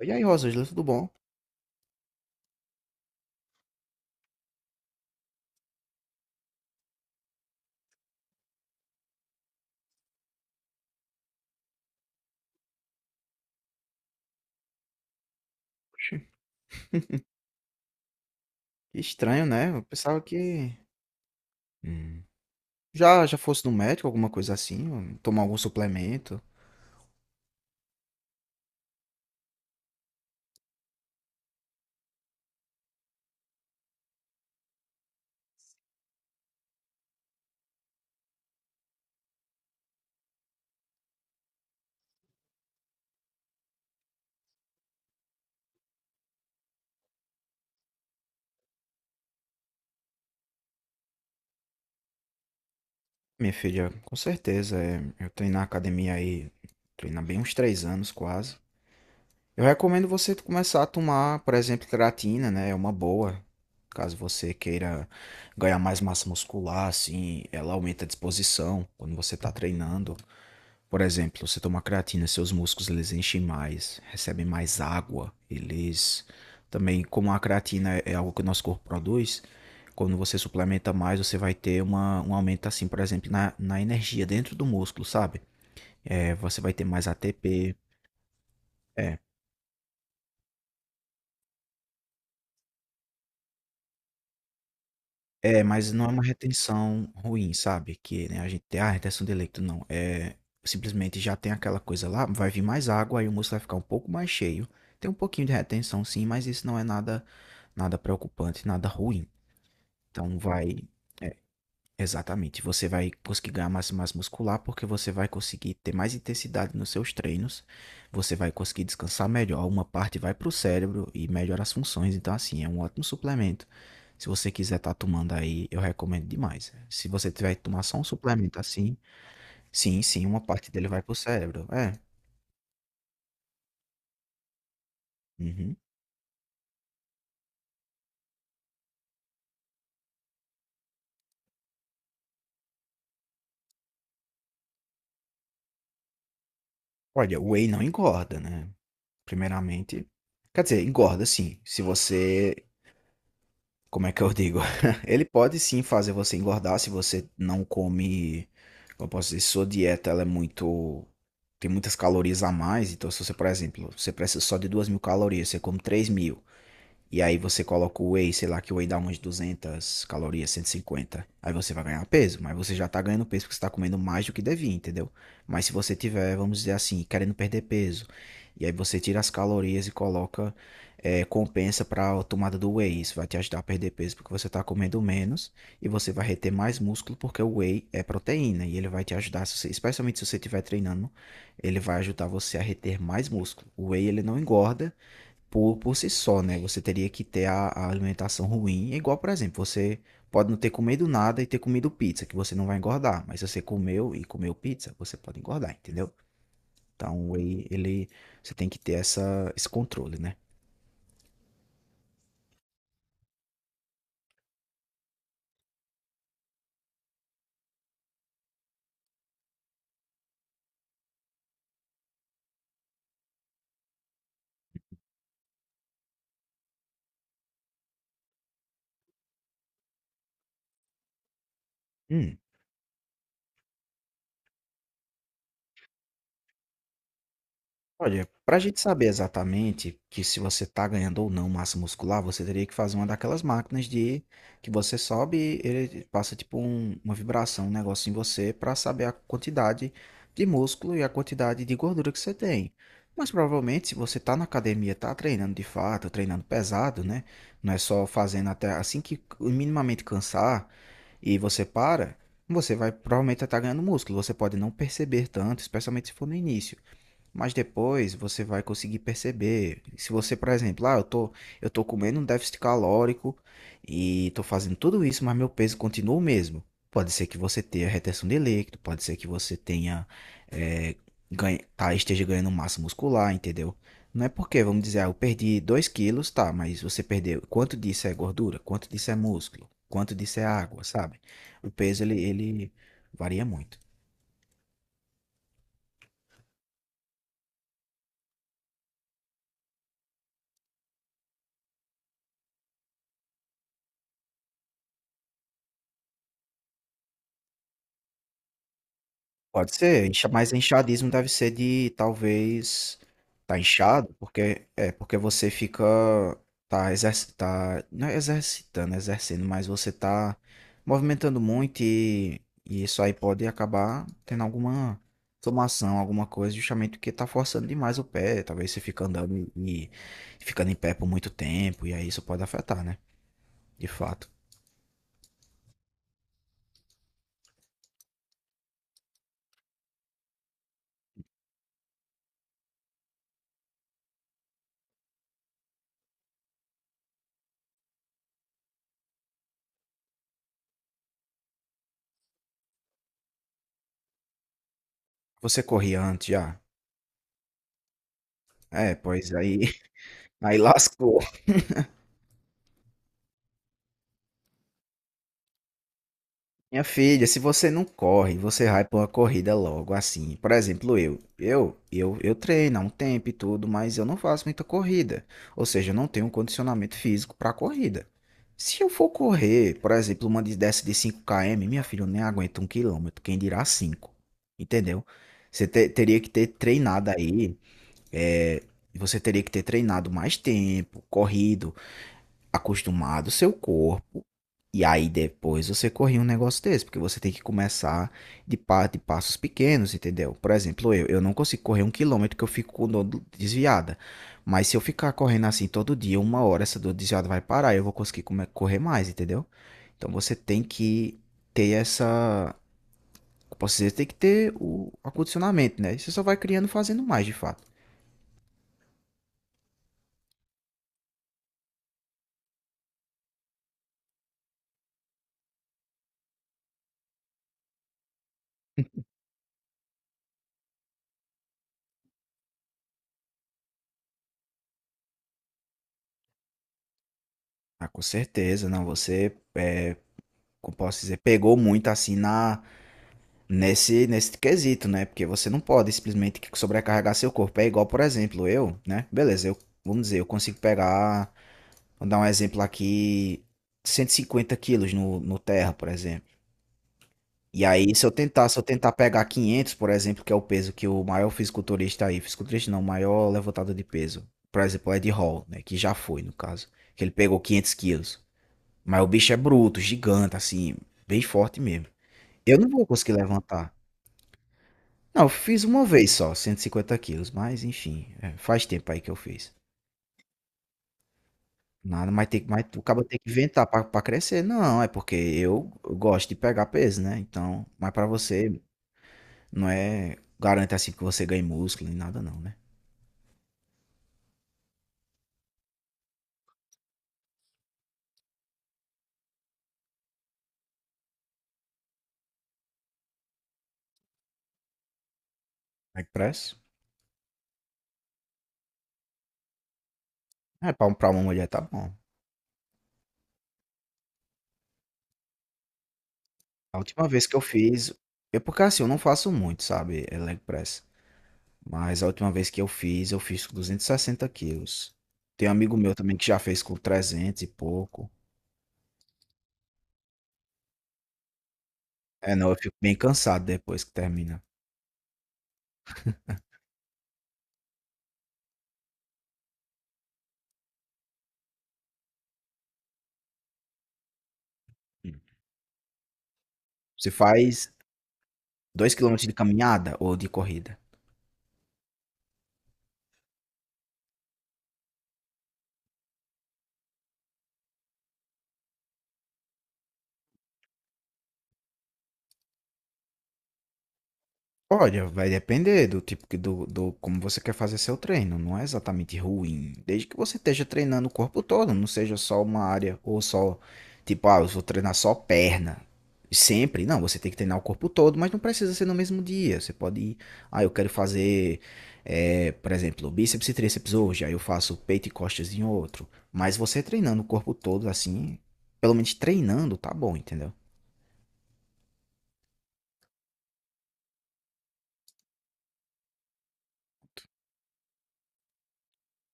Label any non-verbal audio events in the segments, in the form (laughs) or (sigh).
E aí, Rosângela, tudo bom? Oxi, que estranho, né? Eu pensava que hum, já já fosse no médico, alguma coisa assim, ou tomar algum suplemento. Minha filha, com certeza, é, eu treino na academia aí, treino há bem uns 3 anos quase. Eu recomendo você começar a tomar, por exemplo, creatina, né? É uma boa. Caso você queira ganhar mais massa muscular, assim, ela aumenta a disposição quando você tá treinando. Por exemplo, você toma creatina, seus músculos eles enchem mais, recebem mais água, eles também, como a creatina é algo que o nosso corpo produz, quando você suplementa mais, você vai ter um aumento assim, por exemplo, na energia dentro do músculo, sabe? É, você vai ter mais ATP. É, mas não é uma retenção ruim, sabe, que, né, a gente tem: "Ah, a retenção de leite". Não, é simplesmente já tem aquela coisa lá, vai vir mais água, aí o músculo vai ficar um pouco mais cheio. Tem um pouquinho de retenção sim, mas isso não é nada preocupante, nada ruim. Então vai. Exatamente. Você vai conseguir ganhar massa e massa muscular porque você vai conseguir ter mais intensidade nos seus treinos, você vai conseguir descansar melhor, uma parte vai para o cérebro e melhora as funções. Então, assim, é um ótimo suplemento. Se você quiser estar tomando aí, eu recomendo demais. Se você tiver que tomar só um suplemento assim, sim, sim, uma parte dele vai para o cérebro. É. Uhum. Olha, o whey não engorda, né? Primeiramente. Quer dizer, engorda sim, se você... Como é que eu digo? (laughs) Ele pode sim fazer você engordar se você não come. Como eu posso dizer, sua dieta ela é muito... Tem muitas calorias a mais. Então, se você, por exemplo, você precisa só de 2.000 calorias, você come 3.000. E aí você coloca o whey, sei lá, que o whey dá umas 200 calorias, 150. Aí você vai ganhar peso, mas você já tá ganhando peso porque você tá comendo mais do que devia, entendeu? Mas se você tiver, vamos dizer assim, querendo perder peso, e aí você tira as calorias e coloca, compensa para a tomada do whey. Isso vai te ajudar a perder peso porque você tá comendo menos e você vai reter mais músculo porque o whey é proteína e ele vai te ajudar, se você- especialmente se você estiver treinando, ele vai ajudar você a reter mais músculo. O whey ele não engorda, por si só, né? Você teria que ter a alimentação ruim. É igual, por exemplo, você pode não ter comido nada e ter comido pizza, que você não vai engordar. Mas se você comeu e comeu pizza, você pode engordar, entendeu? Então, aí ele, você tem que ter essa, esse controle, né? Hum. Olha, para a gente saber exatamente que se você está ganhando ou não massa muscular, você teria que fazer uma daquelas máquinas de que você sobe, ele passa tipo um- uma vibração, um negócio em você para saber a quantidade de músculo e a quantidade de gordura que você tem. Mas provavelmente, se você está na academia, está treinando de fato, treinando pesado, né? Não é só fazendo até assim que minimamente cansar e você para, você vai provavelmente estar ganhando músculo. Você pode não perceber tanto, especialmente se for no início. Mas depois você vai conseguir perceber. Se você, por exemplo, ah, eu tô comendo um déficit calórico e tô fazendo tudo isso, mas meu peso continua o mesmo. Pode ser que você tenha retenção de líquido, pode ser que você tenha, eh, ganhe- tá, esteja ganhando massa muscular, entendeu? Não é porque, vamos dizer, ah, eu perdi 2 quilos, tá, mas você perdeu. Quanto disso é gordura? Quanto disso é músculo? Quanto disso é água, sabe? O peso, ele varia muito. Pode ser, incha- mas inchadismo deve ser de talvez tá inchado, porque é porque você fica tá exerc, tá não é exercitando, é exercendo, mas você tá movimentando muito e isso aí pode acabar tendo alguma inflamação, alguma coisa, justamente porque tá forçando demais o pé, talvez você fica andando e ficando em pé por muito tempo e aí isso pode afetar, né? De fato. Você corria antes já? É, pois aí (laughs) aí lascou. Minha filha, se você não corre, você vai para uma corrida logo assim. Por exemplo, eu treino há um tempo e tudo, mas eu não faço muita corrida. Ou seja, eu não tenho um condicionamento físico para corrida. Se eu for correr, por exemplo, uma de- dessa de 5 km, minha filha, eu nem aguento 1 quilômetro, quem dirá 5? Entendeu? Você te- teria que ter treinado aí, é, você teria que ter treinado mais tempo, corrido, acostumado o seu corpo e aí depois você corrige um negócio desse, porque você tem que começar de, pa de passos pequenos, entendeu? Por exemplo, eu não consigo correr 1 quilômetro que eu fico com dor do- desviada. Mas se eu ficar correndo assim todo dia, uma hora, essa dor desviada vai parar e eu vou conseguir come- correr mais, entendeu? Então você tem que ter essa. Eu posso dizer, tem que ter o acondicionamento, né? Você só vai criando fazendo mais, de fato. Ah, com certeza, não. Você, é, como posso dizer, pegou muito assim na... Nesse, nesse quesito, né? Porque você não pode simplesmente sobrecarregar seu corpo. É igual, por exemplo, eu, né? Beleza, eu, vamos dizer, eu consigo pegar, vou dar um exemplo aqui, 150 quilos no terra, por exemplo. E aí, se eu tentar pegar 500, por exemplo, que é o peso que o maior fisiculturista aí, fisiculturista não, o maior levantador de peso, por exemplo, o Ed Hall, né? Que já foi, no caso, que ele pegou 500 quilos. Mas o bicho é bruto, gigante, assim, bem forte mesmo. Eu não vou conseguir levantar. Não, eu fiz uma vez só, 150 quilos, mas enfim, é, faz tempo aí que eu fiz. Nada, mas tem, que- mas o cabo tem que inventar pra crescer. Não, é porque eu, gosto de pegar peso, né? Então, mas pra você não é garante assim que você ganhe músculo nem nada não, né? Leg press? É, pra, um, pra uma mulher tá bom. A última vez que eu fiz, é porque assim, eu não faço muito, sabe? É leg press. Mas a última vez que eu fiz com 260 quilos. Tem um amigo meu também que já fez com trezentos e pouco. É, não, eu fico bem cansado depois que termina. Hum. Você faz 2 quilômetros de caminhada ou de corrida? Olha, vai depender do tipo que do, do como você quer fazer seu treino. Não é exatamente ruim, desde que você esteja treinando o corpo todo, não seja só uma área ou só tipo, ah, eu vou treinar só perna. Sempre, não, você tem que treinar o corpo todo, mas não precisa ser no mesmo dia. Você pode ir, ah, eu quero fazer, por exemplo, bíceps e tríceps hoje, aí eu faço peito e costas em outro. Mas você treinando o corpo todo assim, pelo menos treinando, tá bom, entendeu?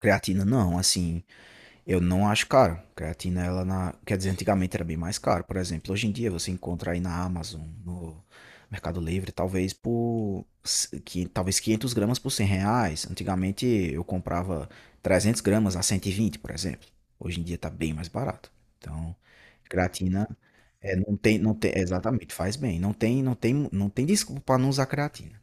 Creatina não, assim. Eu não acho caro. Creatina, ela na... Quer dizer, antigamente era bem mais caro. Por exemplo, hoje em dia você encontra aí na Amazon, no Mercado Livre, talvez por. S- Que, talvez 500 gramas por R$ 100. Antigamente eu comprava 300 gramas a 120, por exemplo. Hoje em dia tá bem mais barato. Então, creatina. É, não tem, não tem, exatamente, faz bem. Não tem desculpa para não usar creatina.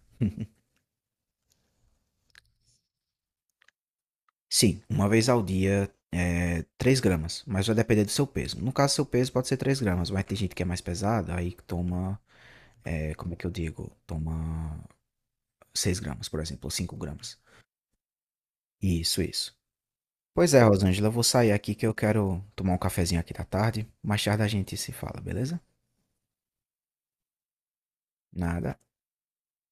Sim, uma vez ao dia é 3 gramas, mas vai depender do seu peso. No caso, seu peso pode ser 3 gramas, mas tem gente que é mais pesada, aí que toma, é, como é que eu digo? Toma 6 gramas, por exemplo, ou 5 gramas. Isso, isso. Pois é, Rosângela, eu vou sair aqui que eu quero tomar um cafezinho aqui da tarde. Mais tarde a gente se fala, beleza? Nada.